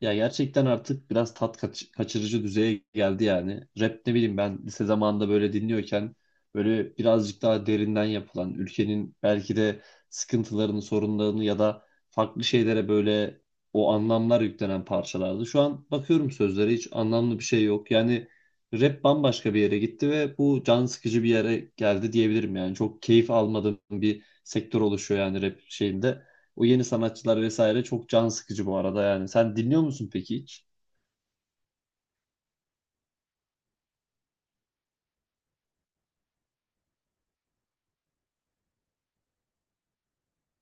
Ya gerçekten artık biraz tat kaçırıcı düzeye geldi yani. Rap, ne bileyim ben lise zamanında böyle dinliyorken böyle birazcık daha derinden yapılan ülkenin belki de sıkıntılarını, sorunlarını ya da farklı şeylere böyle o anlamlar yüklenen parçalardı. Şu an bakıyorum sözlere hiç anlamlı bir şey yok. Yani rap bambaşka bir yere gitti ve bu can sıkıcı bir yere geldi diyebilirim yani. Çok keyif almadığım bir sektör oluşuyor yani rap şeyinde. O yeni sanatçılar vesaire çok can sıkıcı bu arada yani. Sen dinliyor musun peki hiç?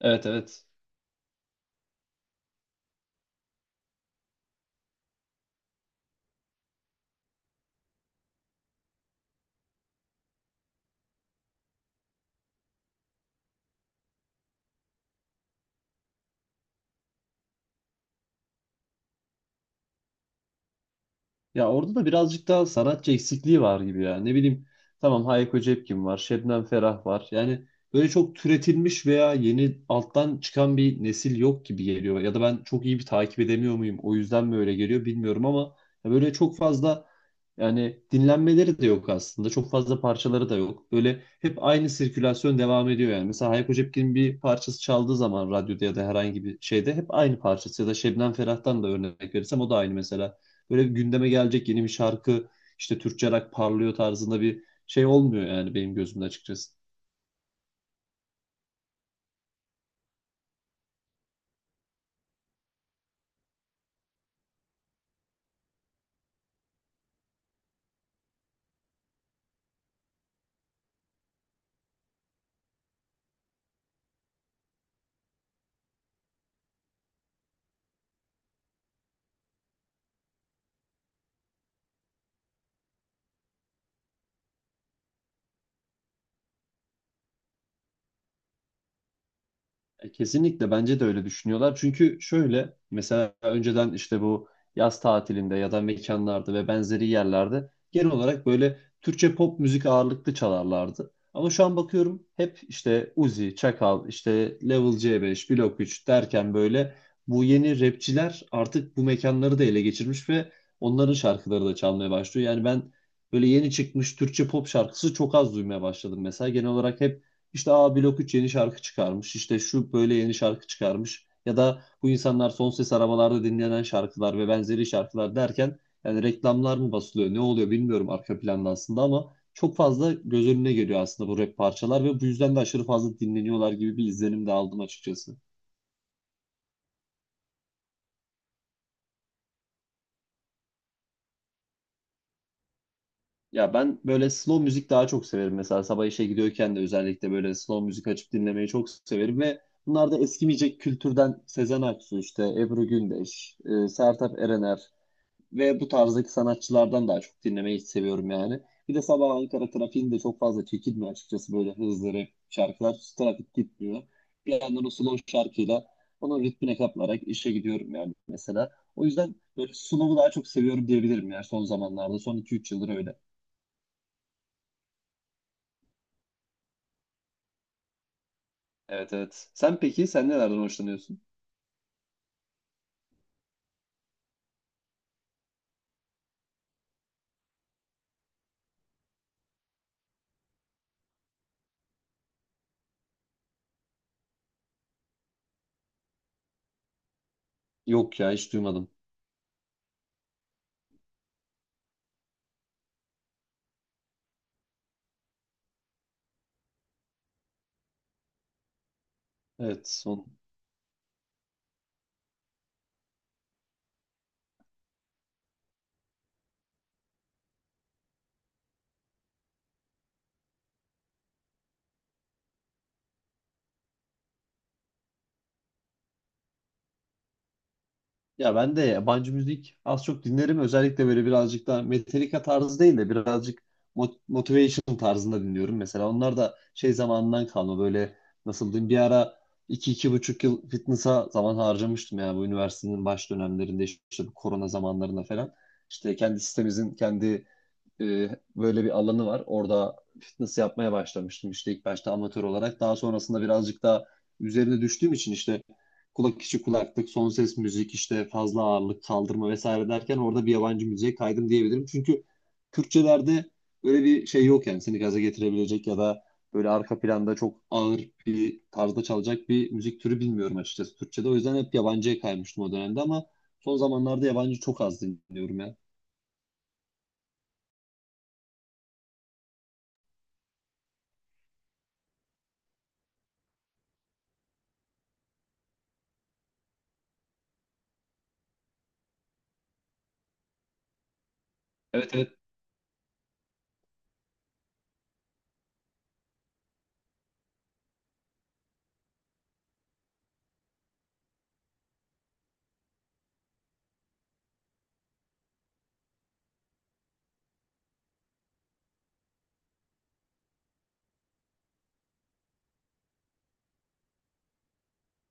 Evet, evet. Ya orada da birazcık daha sanatçı eksikliği var gibi ya. Ne bileyim, tamam, Hayko Cepkin var, Şebnem Ferah var. Yani böyle çok türetilmiş veya yeni alttan çıkan bir nesil yok gibi geliyor. Ya da ben çok iyi bir takip edemiyor muyum? O yüzden mi öyle geliyor bilmiyorum ama ya böyle çok fazla yani dinlenmeleri de yok aslında. Çok fazla parçaları da yok. Böyle hep aynı sirkülasyon devam ediyor yani. Mesela Hayko Cepkin'in bir parçası çaldığı zaman radyoda ya da herhangi bir şeyde hep aynı parçası, ya da Şebnem Ferah'tan da örnek verirsem o da aynı mesela. Böyle bir gündeme gelecek yeni bir şarkı, işte Türkçe rock parlıyor tarzında bir şey olmuyor yani benim gözümde açıkçası. Kesinlikle bence de öyle düşünüyorlar. Çünkü şöyle, mesela önceden işte bu yaz tatilinde ya da mekanlarda ve benzeri yerlerde genel olarak böyle Türkçe pop müzik ağırlıklı çalarlardı. Ama şu an bakıyorum hep işte Uzi, Çakal, işte Level C5, Blok 3 derken böyle bu yeni rapçiler artık bu mekanları da ele geçirmiş ve onların şarkıları da çalmaya başlıyor. Yani ben böyle yeni çıkmış Türkçe pop şarkısı çok az duymaya başladım mesela. Genel olarak hep işte A Blok 3 yeni şarkı çıkarmış. İşte şu böyle yeni şarkı çıkarmış. Ya da bu insanlar son ses arabalarda dinlenen şarkılar ve benzeri şarkılar derken, yani reklamlar mı basılıyor ne oluyor bilmiyorum arka planda aslında, ama çok fazla göz önüne geliyor aslında bu rap parçalar ve bu yüzden de aşırı fazla dinleniyorlar gibi bir izlenim de aldım açıkçası. Ya ben böyle slow müzik daha çok severim mesela. Sabah işe gidiyorken de özellikle böyle slow müzik açıp dinlemeyi çok severim ve bunlar da eskimeyecek kültürden Sezen Aksu, işte Ebru Gündeş, Sertab Erener ve bu tarzdaki sanatçılardan daha çok dinlemeyi seviyorum yani. Bir de sabah Ankara trafiğinde çok fazla çekilmiyor açıkçası böyle hızlı rap şarkılar. Trafik gitmiyor. Bir yandan o slow şarkıyla onun ritmine kaplarak işe gidiyorum yani mesela. O yüzden böyle slow'u daha çok seviyorum diyebilirim yani, son zamanlarda. Son iki üç yıldır öyle. Evet, evet. Sen peki, sen nelerden hoşlanıyorsun? Yok ya, hiç duymadım. Evet, son. Ya ben de yabancı müzik az çok dinlerim. Özellikle böyle birazcık daha Metallica tarzı değil de birazcık motivation tarzında dinliyorum. Mesela onlar da şey zamanından kalma. Böyle, nasıl diyeyim, bir ara iki 2,5 yıl fitness'a zaman harcamıştım ya, bu üniversitenin baş dönemlerinde, işte bu korona zamanlarında falan. İşte kendi sitemizin kendi, e, böyle bir alanı var. Orada fitness yapmaya başlamıştım işte, ilk başta amatör olarak. Daha sonrasında birazcık daha üzerine düştüğüm için işte kulak içi kulaklık, son ses müzik, işte fazla ağırlık kaldırma vesaire derken orada bir yabancı müziğe kaydım diyebilirim. Çünkü Türkçelerde böyle bir şey yok yani, seni gaza getirebilecek ya da böyle arka planda çok ağır bir tarzda çalacak bir müzik türü bilmiyorum açıkçası Türkçede. O yüzden hep yabancıya kaymıştım o dönemde, ama son zamanlarda yabancı çok az dinliyorum ya. Evet, evet.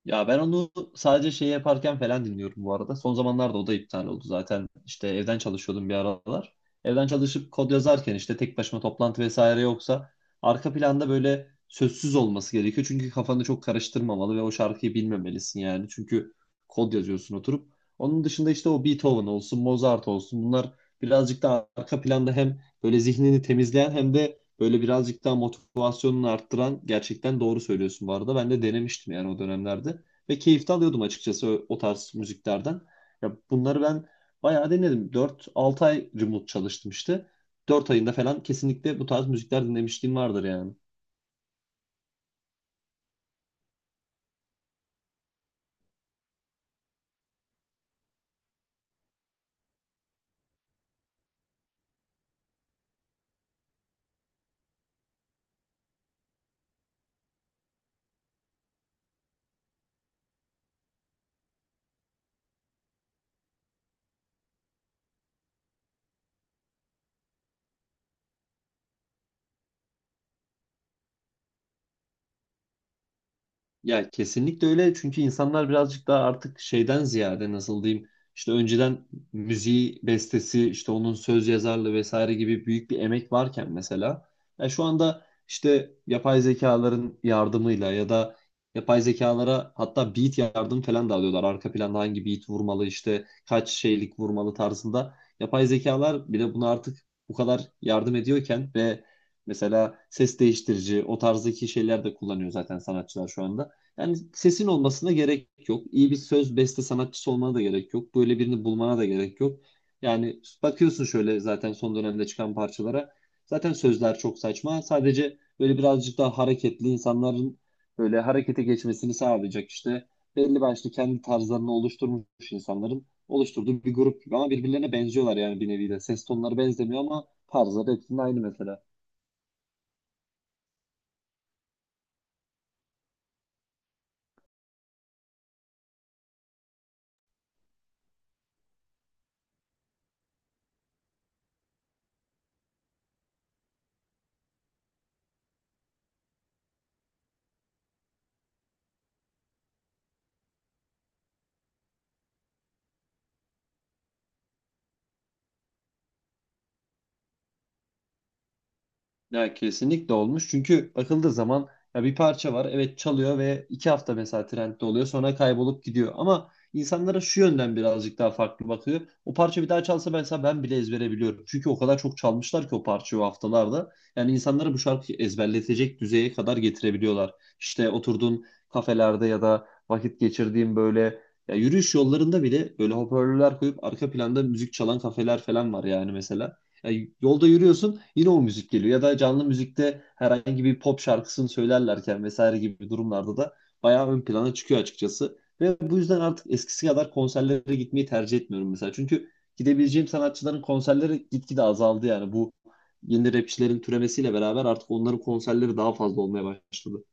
Ya ben onu sadece şey yaparken falan dinliyorum bu arada. Son zamanlarda o da iptal oldu zaten. İşte evden çalışıyordum bir aralar. Evden çalışıp kod yazarken işte, tek başıma toplantı vesaire yoksa, arka planda böyle sözsüz olması gerekiyor. Çünkü kafanı çok karıştırmamalı ve o şarkıyı bilmemelisin yani. Çünkü kod yazıyorsun oturup. Onun dışında işte o, Beethoven olsun, Mozart olsun, bunlar birazcık da arka planda hem böyle zihnini temizleyen hem de böyle birazcık daha motivasyonunu arttıran, gerçekten doğru söylüyorsun bu arada. Ben de denemiştim yani o dönemlerde ve keyif de alıyordum açıkçası o tarz müziklerden. Ya bunları ben bayağı denedim. Dört 6 ay remote çalıştım işte. Dört ayında falan kesinlikle bu tarz müzikler dinlemişliğim vardır yani. Ya kesinlikle öyle, çünkü insanlar birazcık daha artık şeyden ziyade, nasıl diyeyim, işte önceden müziği, bestesi, işte onun söz yazarlığı vesaire gibi büyük bir emek varken, mesela, ya şu anda işte yapay zekaların yardımıyla ya da yapay zekalara hatta beat yardım falan da alıyorlar. Arka planda hangi beat vurmalı, işte kaç şeylik vurmalı tarzında yapay zekalar bile buna artık bu kadar yardım ediyorken ve mesela ses değiştirici, o tarzdaki şeyler de kullanıyor zaten sanatçılar şu anda. Yani sesin olmasına gerek yok. İyi bir söz beste sanatçısı olmana da gerek yok. Böyle birini bulmana da gerek yok. Yani bakıyorsun şöyle zaten son dönemde çıkan parçalara. Zaten sözler çok saçma. Sadece böyle birazcık daha hareketli, insanların böyle harekete geçmesini sağlayacak işte. Belli başlı kendi tarzlarını oluşturmuş insanların oluşturduğu bir grup gibi, ama birbirlerine benziyorlar yani bir nevi de. Ses tonları benzemiyor ama tarzları hepsinin aynı mesela. Ya kesinlikle olmuş. Çünkü bakıldığı zaman ya, bir parça var. Evet çalıyor ve 2 hafta mesela trendde oluyor. Sonra kaybolup gidiyor. Ama insanlara şu yönden birazcık daha farklı bakıyor: o parça bir daha çalsa mesela, ben bile ezbere biliyorum. Çünkü o kadar çok çalmışlar ki o parçayı, o haftalarda. Yani insanları bu şarkıyı ezberletecek düzeye kadar getirebiliyorlar. İşte oturduğun kafelerde ya da vakit geçirdiğin böyle, ya, yürüyüş yollarında bile böyle hoparlörler koyup arka planda müzik çalan kafeler falan var yani mesela. Yani yolda yürüyorsun, yine o müzik geliyor. Ya da canlı müzikte herhangi bir pop şarkısını söylerlerken vesaire gibi durumlarda da bayağı ön plana çıkıyor açıkçası. Ve bu yüzden artık eskisi kadar konserlere gitmeyi tercih etmiyorum mesela. Çünkü gidebileceğim sanatçıların konserleri gitgide azaldı yani. Bu yeni rapçilerin türemesiyle beraber artık onların konserleri daha fazla olmaya başladı.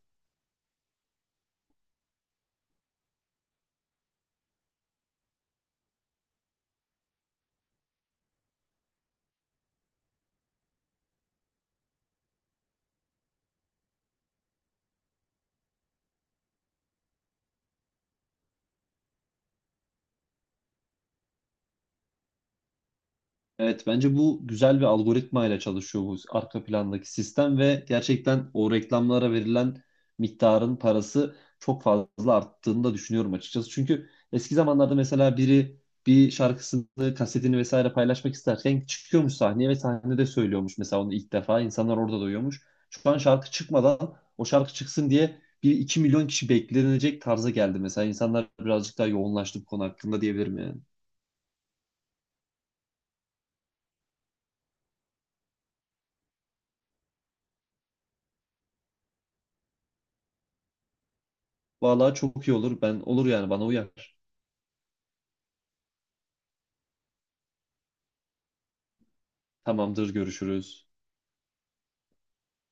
Evet, bence bu güzel bir algoritma ile çalışıyor bu arka plandaki sistem ve gerçekten o reklamlara verilen miktarın parası çok fazla arttığını da düşünüyorum açıkçası. Çünkü eski zamanlarda mesela biri bir şarkısını, kasetini vesaire paylaşmak isterken çıkıyormuş sahneye ve sahnede söylüyormuş mesela onu ilk defa. İnsanlar orada duyuyormuş. Şu an şarkı çıkmadan o şarkı çıksın diye bir 2 milyon kişi beklenecek tarza geldi mesela. İnsanlar birazcık daha yoğunlaştı bu konu hakkında diyebilirim yani. Vallahi çok iyi olur. Ben, olur yani, bana uyar. Tamamdır, görüşürüz.